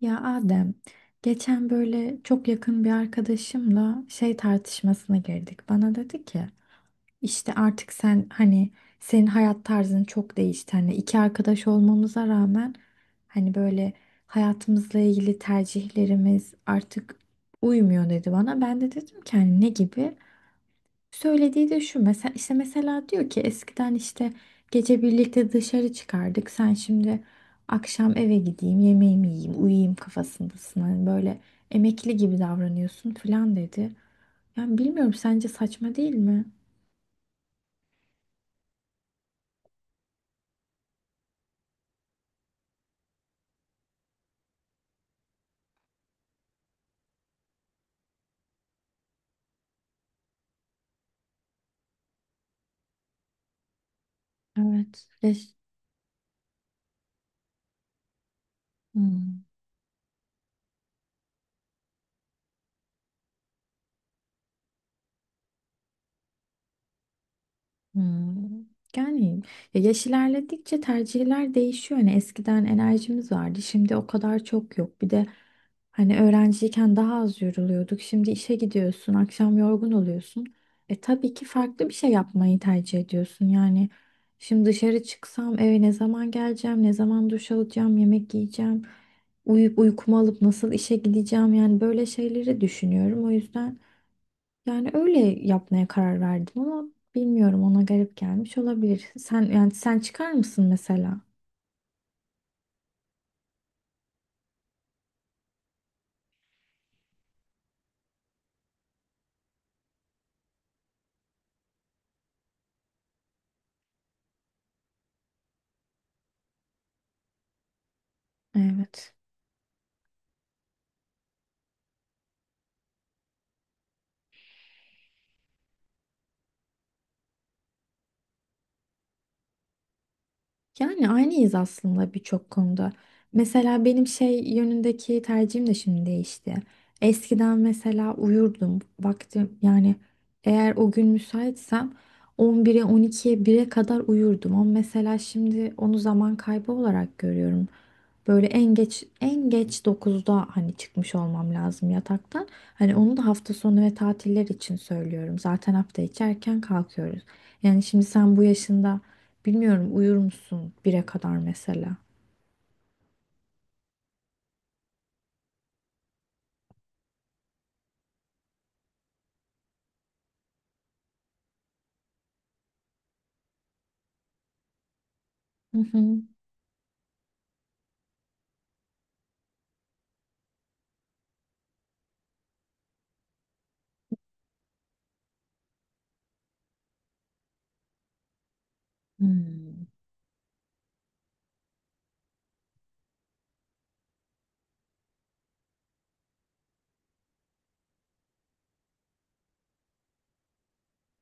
Ya Adem, geçen böyle çok yakın bir arkadaşımla şey tartışmasına girdik. Bana dedi ki, işte artık sen hani senin hayat tarzın çok değişti. Hani iki arkadaş olmamıza rağmen hani böyle hayatımızla ilgili tercihlerimiz artık uymuyor dedi bana. Ben de dedim ki hani ne gibi? Söylediği de şu, mesela işte mesela diyor ki eskiden işte gece birlikte dışarı çıkardık. Sen şimdi akşam eve gideyim, yemeğimi yiyeyim, uyuyayım kafasındasın. Hani böyle emekli gibi davranıyorsun falan dedi. Yani bilmiyorum, sence saçma değil mi? Evet. Hmm. Hmm. Yani ya yaş ilerledikçe tercihler değişiyor. Hani eskiden enerjimiz vardı, şimdi o kadar çok yok. Bir de hani öğrenciyken daha az yoruluyorduk. Şimdi işe gidiyorsun, akşam yorgun oluyorsun. E tabii ki farklı bir şey yapmayı tercih ediyorsun. Yani şimdi dışarı çıksam eve ne zaman geleceğim, ne zaman duş alacağım, yemek yiyeceğim, uyuyup uykumu alıp nasıl işe gideceğim, yani böyle şeyleri düşünüyorum. O yüzden. Yani öyle yapmaya karar verdim ama bilmiyorum, ona garip gelmiş olabilir. Sen çıkar mısın mesela? Evet. Yani aynıyız aslında birçok konuda. Mesela benim şey yönündeki tercihim de şimdi değişti. Eskiden mesela uyurdum. Vaktim yani, eğer o gün müsaitsem, 11'e 12'ye bire kadar uyurdum. Ama mesela şimdi onu zaman kaybı olarak görüyorum. Böyle en geç en geç dokuzda hani çıkmış olmam lazım yataktan. Hani onu da hafta sonu ve tatiller için söylüyorum. Zaten hafta içi erken kalkıyoruz. Yani şimdi sen bu yaşında, bilmiyorum, uyur musun bire kadar mesela? Hı hı. Hmm.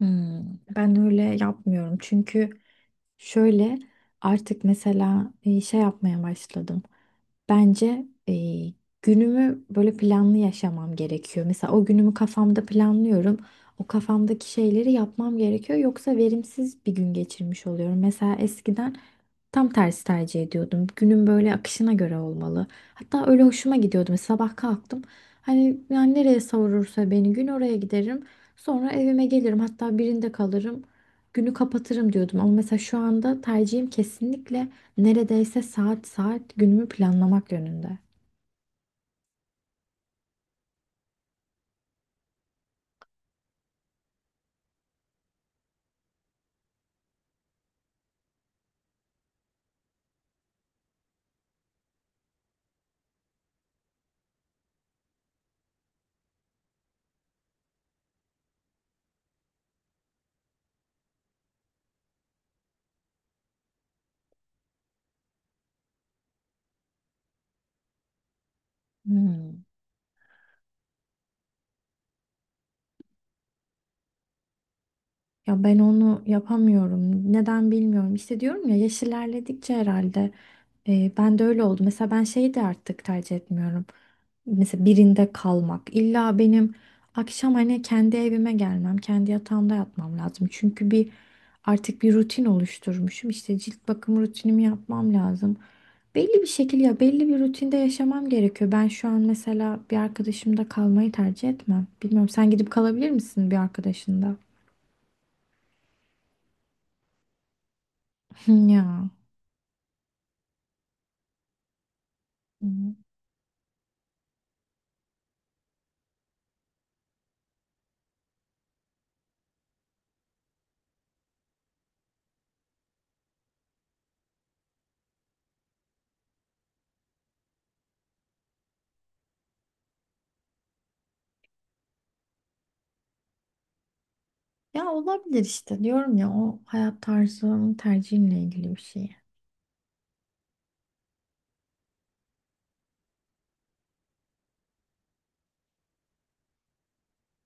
Hmm, ben öyle yapmıyorum çünkü şöyle, artık mesela şey yapmaya başladım. Bence günümü böyle planlı yaşamam gerekiyor. Mesela o günümü kafamda planlıyorum. O kafamdaki şeyleri yapmam gerekiyor. Yoksa verimsiz bir gün geçirmiş oluyorum. Mesela eskiden tam tersi tercih ediyordum. Günün böyle akışına göre olmalı. Hatta öyle hoşuma gidiyordu. Mesela sabah kalktım. Hani yani nereye savurursa beni gün, oraya giderim. Sonra evime gelirim. Hatta birinde kalırım. Günü kapatırım diyordum. Ama mesela şu anda tercihim kesinlikle neredeyse saat saat günümü planlamak yönünde. Hmm. Ya ben onu yapamıyorum. Neden bilmiyorum. İşte diyorum ya, yaş ilerledikçe herhalde ben de öyle oldu. Mesela ben şeyi de artık tercih etmiyorum. Mesela birinde kalmak. İlla benim akşam hani kendi evime gelmem, kendi yatağımda yatmam lazım. Çünkü artık bir rutin oluşturmuşum. İşte cilt bakım rutinimi yapmam lazım. Belli bir şekilde, ya belli bir rutinde yaşamam gerekiyor. Ben şu an mesela bir arkadaşımda kalmayı tercih etmem. Bilmiyorum, sen gidip kalabilir misin bir arkadaşında? Ya. Hı. hı. Ya olabilir işte, diyorum ya, o hayat tarzının tercihinle ilgili bir şey.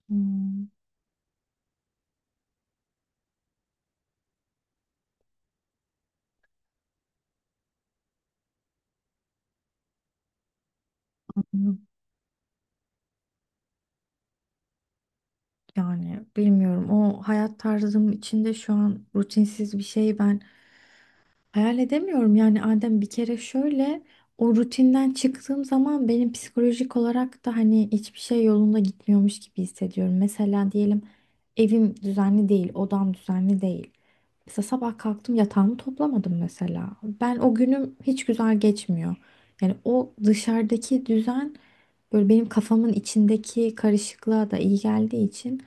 Hmm. Yok. Yani bilmiyorum, o hayat tarzım içinde şu an rutinsiz bir şey ben hayal edemiyorum yani Adem. Bir kere şöyle, o rutinden çıktığım zaman benim psikolojik olarak da hani hiçbir şey yolunda gitmiyormuş gibi hissediyorum. Mesela diyelim evim düzenli değil, odam düzenli değil. Mesela sabah kalktım, yatağımı toplamadım mesela. Ben o günüm hiç güzel geçmiyor. Yani o dışarıdaki düzen böyle benim kafamın içindeki karışıklığa da iyi geldiği için,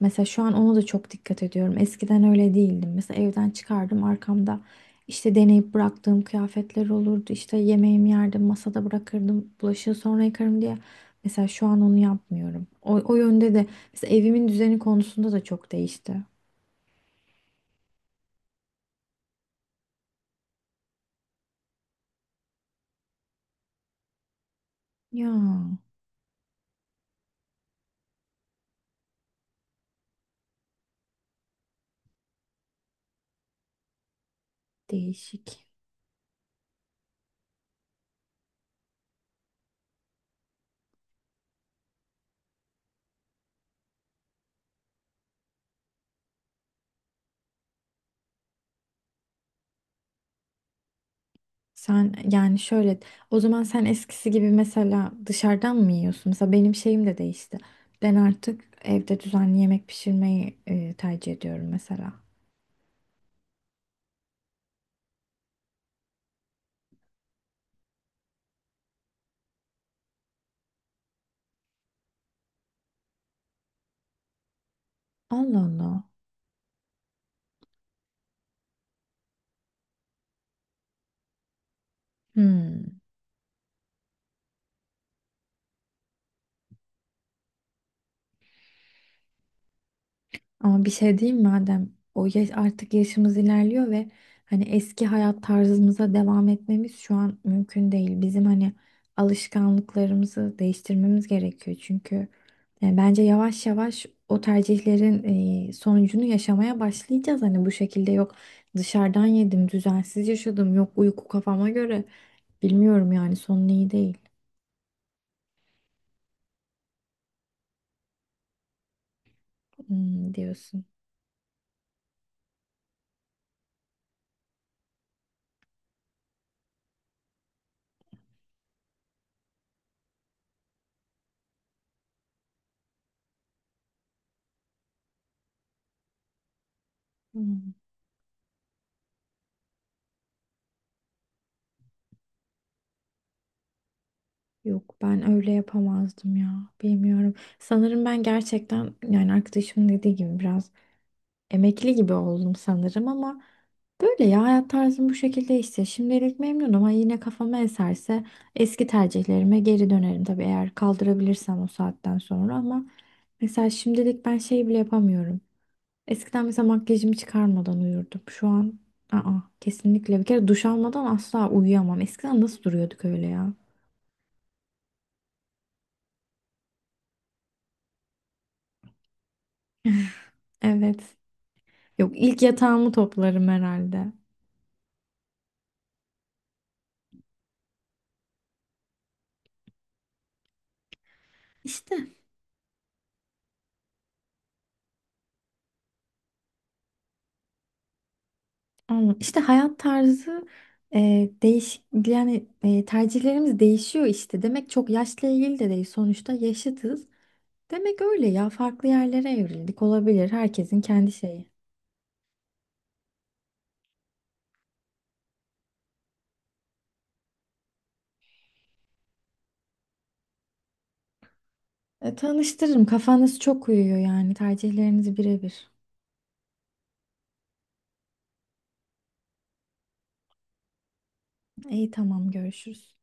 mesela şu an ona da çok dikkat ediyorum. Eskiden öyle değildim. Mesela evden çıkardım, arkamda işte deneyip bıraktığım kıyafetler olurdu. İşte yemeğimi yerdim, masada bırakırdım. Bulaşığı sonra yıkarım diye. Mesela şu an onu yapmıyorum. O yönde de mesela evimin düzeni konusunda da çok değişti. Ya değişik. Sen yani şöyle, o zaman sen eskisi gibi mesela dışarıdan mı yiyorsun? Mesela benim şeyim de değişti. Ben artık evde düzenli yemek pişirmeyi tercih ediyorum mesela. Allah Allah. Hmm. Ama bir şey diyeyim mi Adem, o yaş, artık yaşımız ilerliyor ve hani eski hayat tarzımıza devam etmemiz şu an mümkün değil. Bizim hani alışkanlıklarımızı değiştirmemiz gerekiyor. Çünkü yani bence yavaş yavaş o tercihlerin sonucunu yaşamaya başlayacağız. Hani bu şekilde, yok dışarıdan yedim, düzensiz yaşadım, yok uyku kafama göre. Bilmiyorum, yani sonu iyi değil. Hmm, diyorsun. Hmm. Yok, ben öyle yapamazdım ya. Bilmiyorum. Sanırım ben gerçekten, yani arkadaşımın dediği gibi, biraz emekli gibi oldum sanırım ama böyle, ya hayat tarzım bu şekilde işte. Şimdilik memnunum ama yine kafama eserse eski tercihlerime geri dönerim tabii, eğer kaldırabilirsem o saatten sonra. Ama mesela şimdilik ben şey bile yapamıyorum. Eskiden mesela makyajımı çıkarmadan uyurdum. Şu an aa kesinlikle bir kere duş almadan asla uyuyamam. Eskiden nasıl duruyorduk öyle ya? Evet. Yok, ilk yatağımı toplarım herhalde. İşte, ama işte hayat tarzı, e, değiş yani tercihlerimiz değişiyor işte. Demek çok yaşla ilgili de değil, sonuçta yaşıtız. Demek öyle ya, farklı yerlere evrildik, olabilir, herkesin kendi şeyi. Tanıştırırım, kafanız çok uyuyor yani, tercihleriniz birebir. İyi, tamam, görüşürüz.